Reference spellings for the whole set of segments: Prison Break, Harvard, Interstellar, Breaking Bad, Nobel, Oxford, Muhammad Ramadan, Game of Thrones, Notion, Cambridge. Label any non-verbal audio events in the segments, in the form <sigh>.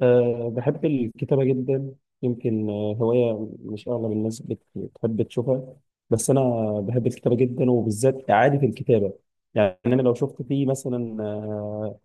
بحب الكتابة جدا. يمكن هواية مش أغلب الناس بتحب تشوفها، بس أنا بحب الكتابة جدا، وبالذات إعادة الكتابة. يعني أنا لو شفت فيه مثلا أه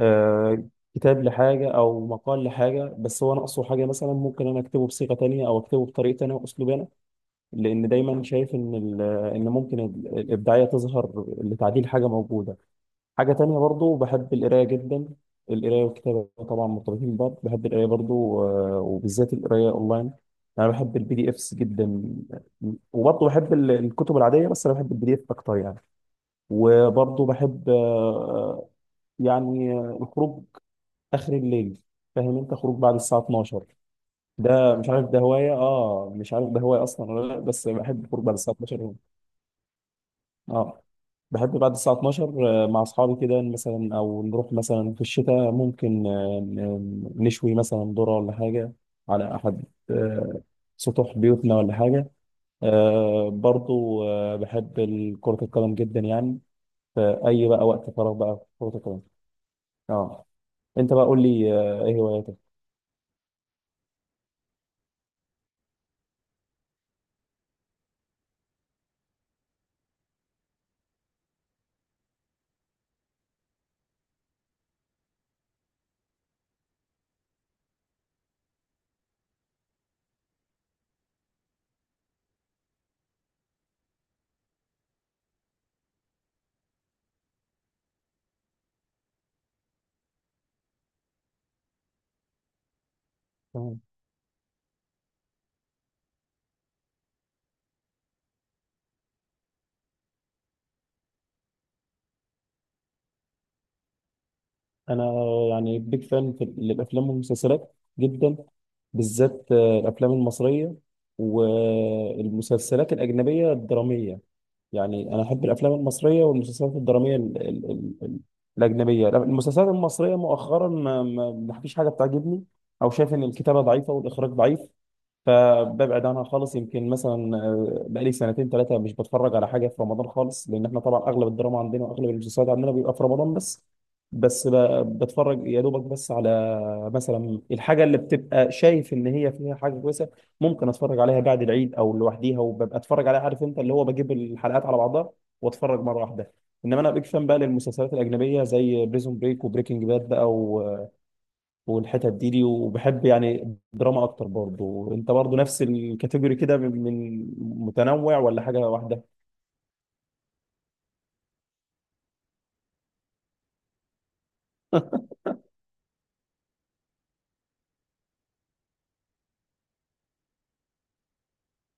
أه كتاب لحاجة أو مقال لحاجة، بس هو ناقصه حاجة، مثلا ممكن أنا أكتبه بصيغة تانية أو أكتبه بطريقة تانية وأسلوب أنا، لأن دايما شايف إن الإبداعية تظهر لتعديل حاجة موجودة. حاجة تانية برضو بحب القراية جدا، القراية والكتابة طبعا مرتبطين ببعض. بحب القراية برضو وبالذات القراية أونلاين. أنا بحب البي دي إفس جدا، وبرضو بحب الكتب العادية، بس أنا بحب البي دي إف أكتر يعني. وبرضو بحب الخروج آخر الليل، فاهم أنت؟ خروج بعد الساعة 12. ده مش عارف ده هواية مش عارف ده هواية أصلا ولا لأ، بس بحب الخروج بعد الساعة 12. اه، بحب بعد الساعة 12 مع أصحابي كده، مثلا أو نروح مثلا في الشتاء ممكن نشوي مثلا ذرة ولا حاجة على أحد آه، سطوح بيوتنا ولا حاجة. برضو بحب كرة القدم جدا يعني، في أي بقى وقت فراغ بقى في كرة القدم. اه. أنت بقى قول لي إيه هواياتك؟ انا يعني بيج فان في الافلام والمسلسلات جدا، بالذات الافلام المصريه والمسلسلات الاجنبيه الدراميه. يعني انا احب الافلام المصريه والمسلسلات الدراميه ال ال ال ال الاجنبيه. المسلسلات المصريه مؤخرا ما فيش حاجه بتعجبني، او شايف ان الكتابه ضعيفه والاخراج ضعيف، فببعد عنها خالص. يمكن مثلا بقالي سنتين ثلاثه مش بتفرج على حاجه في رمضان خالص، لان احنا طبعا اغلب الدراما عندنا واغلب المسلسلات عندنا بيبقى في رمضان بس. بتفرج يا دوبك بس على مثلا الحاجه اللي بتبقى شايف ان هي فيها حاجه كويسه، ممكن اتفرج عليها بعد العيد او لوحديها، وببقى اتفرج عليها عارف انت، اللي هو بجيب الحلقات على بعضها واتفرج مره واحده. انما انا بيج فان بقى للمسلسلات الاجنبيه، زي بريزون بريك وبريكنج باد بقى والحتت دي، وبحب يعني دراما اكتر. برضو انت برضو نفس الكاتيجوري كده، من متنوع ولا حاجه واحده؟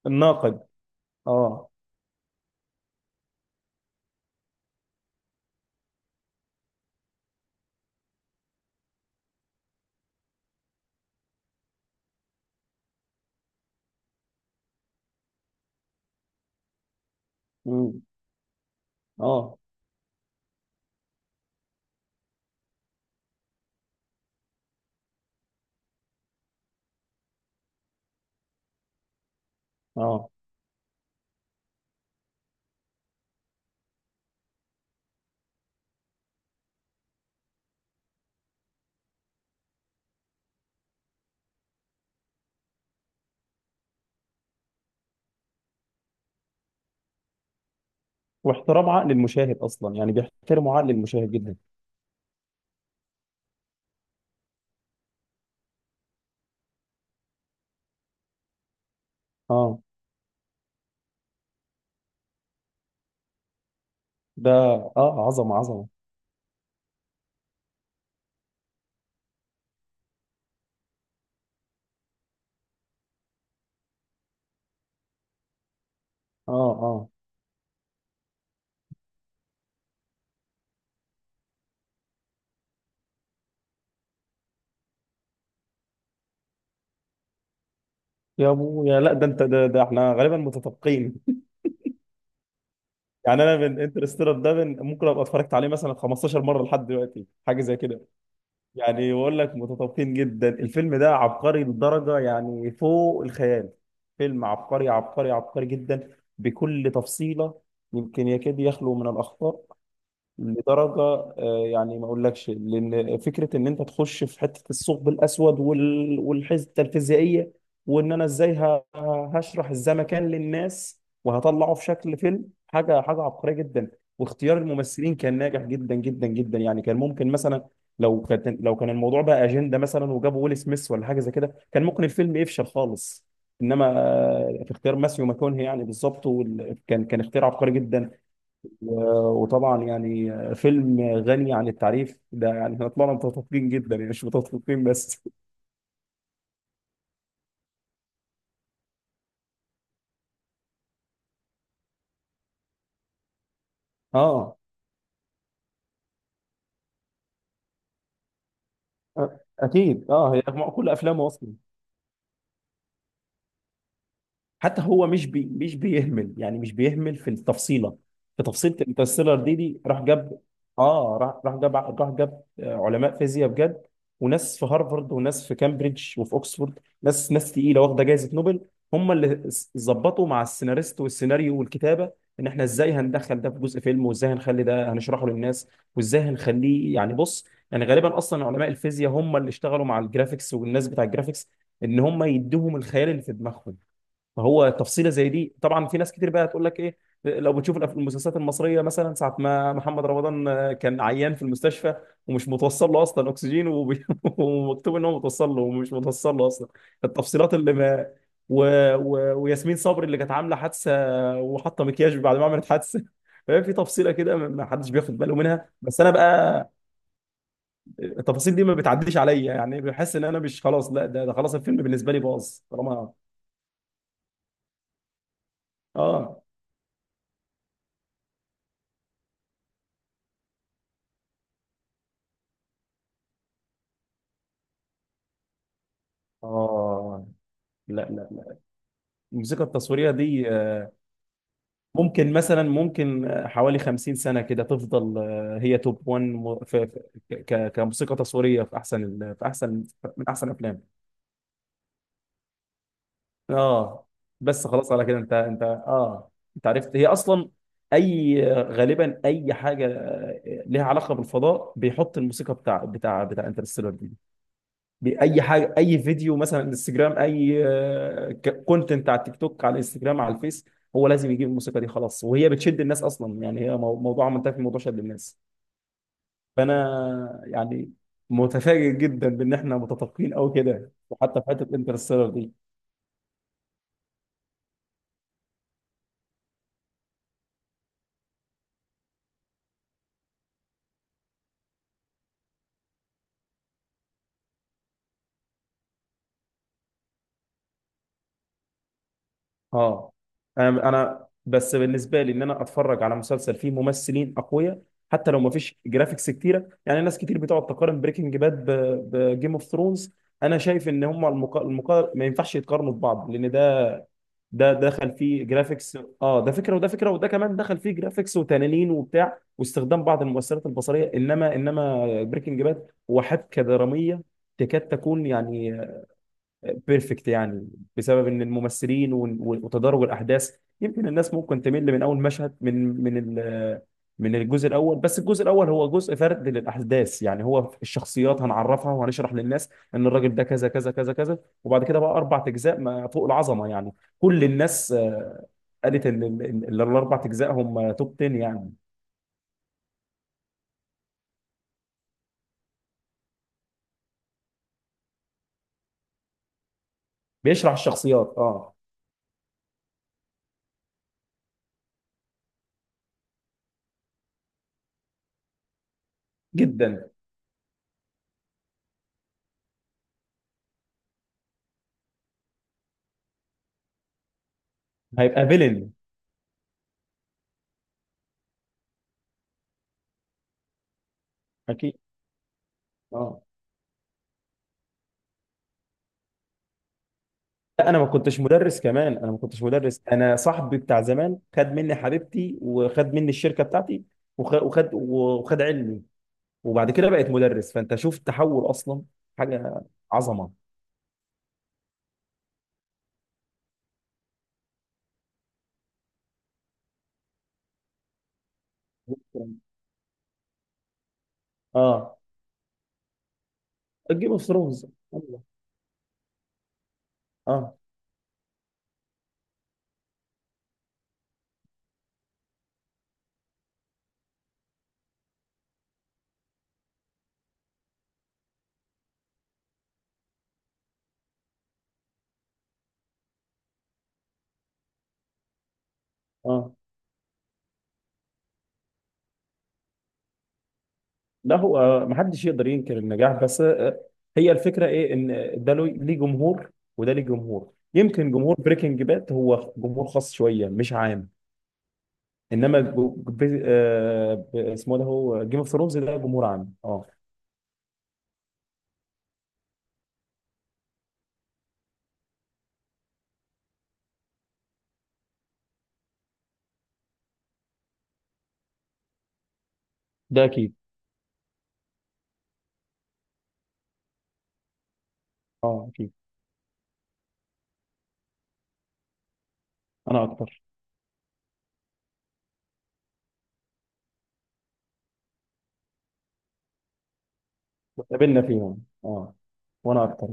الناقد. اه. امم. اه. اه. واحترام عقل المشاهد اصلا، يعني بيحترموا عقل المشاهد جدا. اه. ده اه عظمه، عظمه. اه. اه. يا ابويا، لا ده انت ده، احنا غالبا متفقين. <laughs> يعني انا من انترستيلر ده، من ممكن ابقى اتفرجت عليه مثلا 15 مره لحد دلوقتي، حاجه زي كده. يعني بقول لك متطابقين جدا. الفيلم ده عبقري لدرجة يعني فوق الخيال. فيلم عبقري عبقري عبقري جدا، بكل تفصيلة. يمكن يكاد يخلو من الأخطاء لدرجه يعني ما اقولكش. لان فكره ان انت تخش في حته الثقب الاسود والحته الفيزيائيه، وان انا ازاي هشرح الزمكان للناس وهطلعه في شكل فيلم، حاجه حاجه عبقريه جدا. واختيار الممثلين كان ناجح جدا جدا جدا. يعني كان ممكن مثلا لو كان الموضوع بقى اجنده مثلا وجابوا ويل سميث ولا حاجه زي كده، كان ممكن الفيلم يفشل خالص. انما في اختيار ماسيو ماكونهي يعني بالظبط، كان اختيار عبقري جدا. وطبعا يعني فيلم غني عن التعريف ده، يعني احنا طلعنا متفقين جدا، يعني مش متفقين بس. اه. أ- اكيد. اه، هي كل افلامه اصلا. حتى هو مش بيهمل، يعني مش بيهمل في التفصيله. في تفصيله الانترستيلر دي، راح جاب. اه، راح جاب علماء فيزياء بجد، وناس في هارفارد وناس في كامبريدج وفي اوكسفورد، ناس تقيله واخده جائزه نوبل. هم ظبطوا مع السيناريست والسيناريو والكتابه، ان احنا ازاي هندخل ده في جزء فيلم، وازاي هنخلي ده هنشرحه للناس، وازاي هنخليه يعني. بص، يعني غالبا اصلا علماء الفيزياء هم اللي اشتغلوا مع الجرافيكس والناس بتاع الجرافيكس، ان هم يدوهم الخيال اللي في دماغهم. فهو تفصيله زي دي، طبعا في ناس كتير بقى هتقول لك ايه، لو بتشوف المسلسلات المصريه مثلا، ساعه ما محمد رمضان كان عيان في المستشفى ومش متوصل له اصلا اكسجين <laughs> ومكتوب ان هو متوصل له ومش متوصل له اصلا. التفصيلات اللي ما و... وياسمين صبري اللي كانت عامله حادثه وحاطه مكياج بعد ما عملت حادثه. <laughs> فهي في تفصيله كده ما حدش بياخد باله منها، بس انا بقى التفاصيل دي ما بتعديش عليا، يعني بحس ان انا مش خلاص. لا ده، خلاص الفيلم بالنسبه لي باظ طالما. اه. اه. لا لا لا. الموسيقى التصويرية دي ممكن مثلا ممكن حوالي 50 سنة كده تفضل هي توب 1، كموسيقى تصويرية في احسن في احسن، من احسن افلام. اه، بس خلاص على كده انت اه انت عرفت هي اصلا. اي غالبا اي حاجة لها علاقة بالفضاء بيحط الموسيقى بتاع انترستيلر دي. باي حاجه، اي فيديو مثلا انستجرام، اي كونتنت على التيك توك، على الانستجرام، على الفيس، هو لازم يجيب الموسيقى دي. خلاص وهي بتشد الناس اصلا، يعني هي موضوع منتهي في موضوع شد الناس. فانا يعني متفاجئ جدا بان احنا متفقين قوي كده، وحتى في حته انترستيلر دي. اه. انا، بس بالنسبه لي ان انا اتفرج على مسلسل فيه ممثلين اقوياء، حتى لو ما فيش جرافيكس كتيره. يعني ناس كتير بتقعد تقارن بريكنج باد بجيم اوف ثرونز. انا شايف ان هم ما ينفعش يتقارنوا ببعض، لان ده، ده دخل فيه جرافيكس، اه ده فكره وده فكره، وده كمان دخل فيه جرافيكس وتنانين وبتاع واستخدام بعض المؤثرات البصريه. انما بريكنج باد هو حبكه دراميه تكاد تكون يعني بيرفكت يعني، بسبب ان الممثلين وتدرج الاحداث. يمكن الناس ممكن تمل من اول مشهد، من الجزء الاول، بس الجزء الاول هو جزء فرد للاحداث، يعني هو الشخصيات هنعرفها وهنشرح للناس ان الراجل ده كذا كذا كذا كذا، وبعد كده بقى اربع اجزاء ما فوق العظمه يعني. كل الناس قالت ان الاربع اجزاء هم توب 10 يعني. بيشرح الشخصيات، اه، جدا. هيبقى فيلن. اكيد. اه. لا انا ما كنتش مدرس كمان، انا ما كنتش مدرس. انا صاحبي بتاع زمان خد مني حبيبتي وخد مني الشركه بتاعتي وخد علمي، وبعد كده بقيت مدرس. فانت شوف التحول اصلا، حاجه عظمه. اه. الجيم اوف ثرونز. الله. اه. اه. لا هو ما حدش يقدر ينكر النجاح، بس هي الفكره ايه؟ ان ده ليه جمهور وده ليه جمهور. يمكن جمهور بريكنج باد هو جمهور خاص شويه مش عام، انما اسمه ده هو جيم اوف ثرونز، ده جمهور عام. اه. ده اكيد. اه اكيد، انا اكتر. واتقابلنا فيهم، اه، وانا اكتر.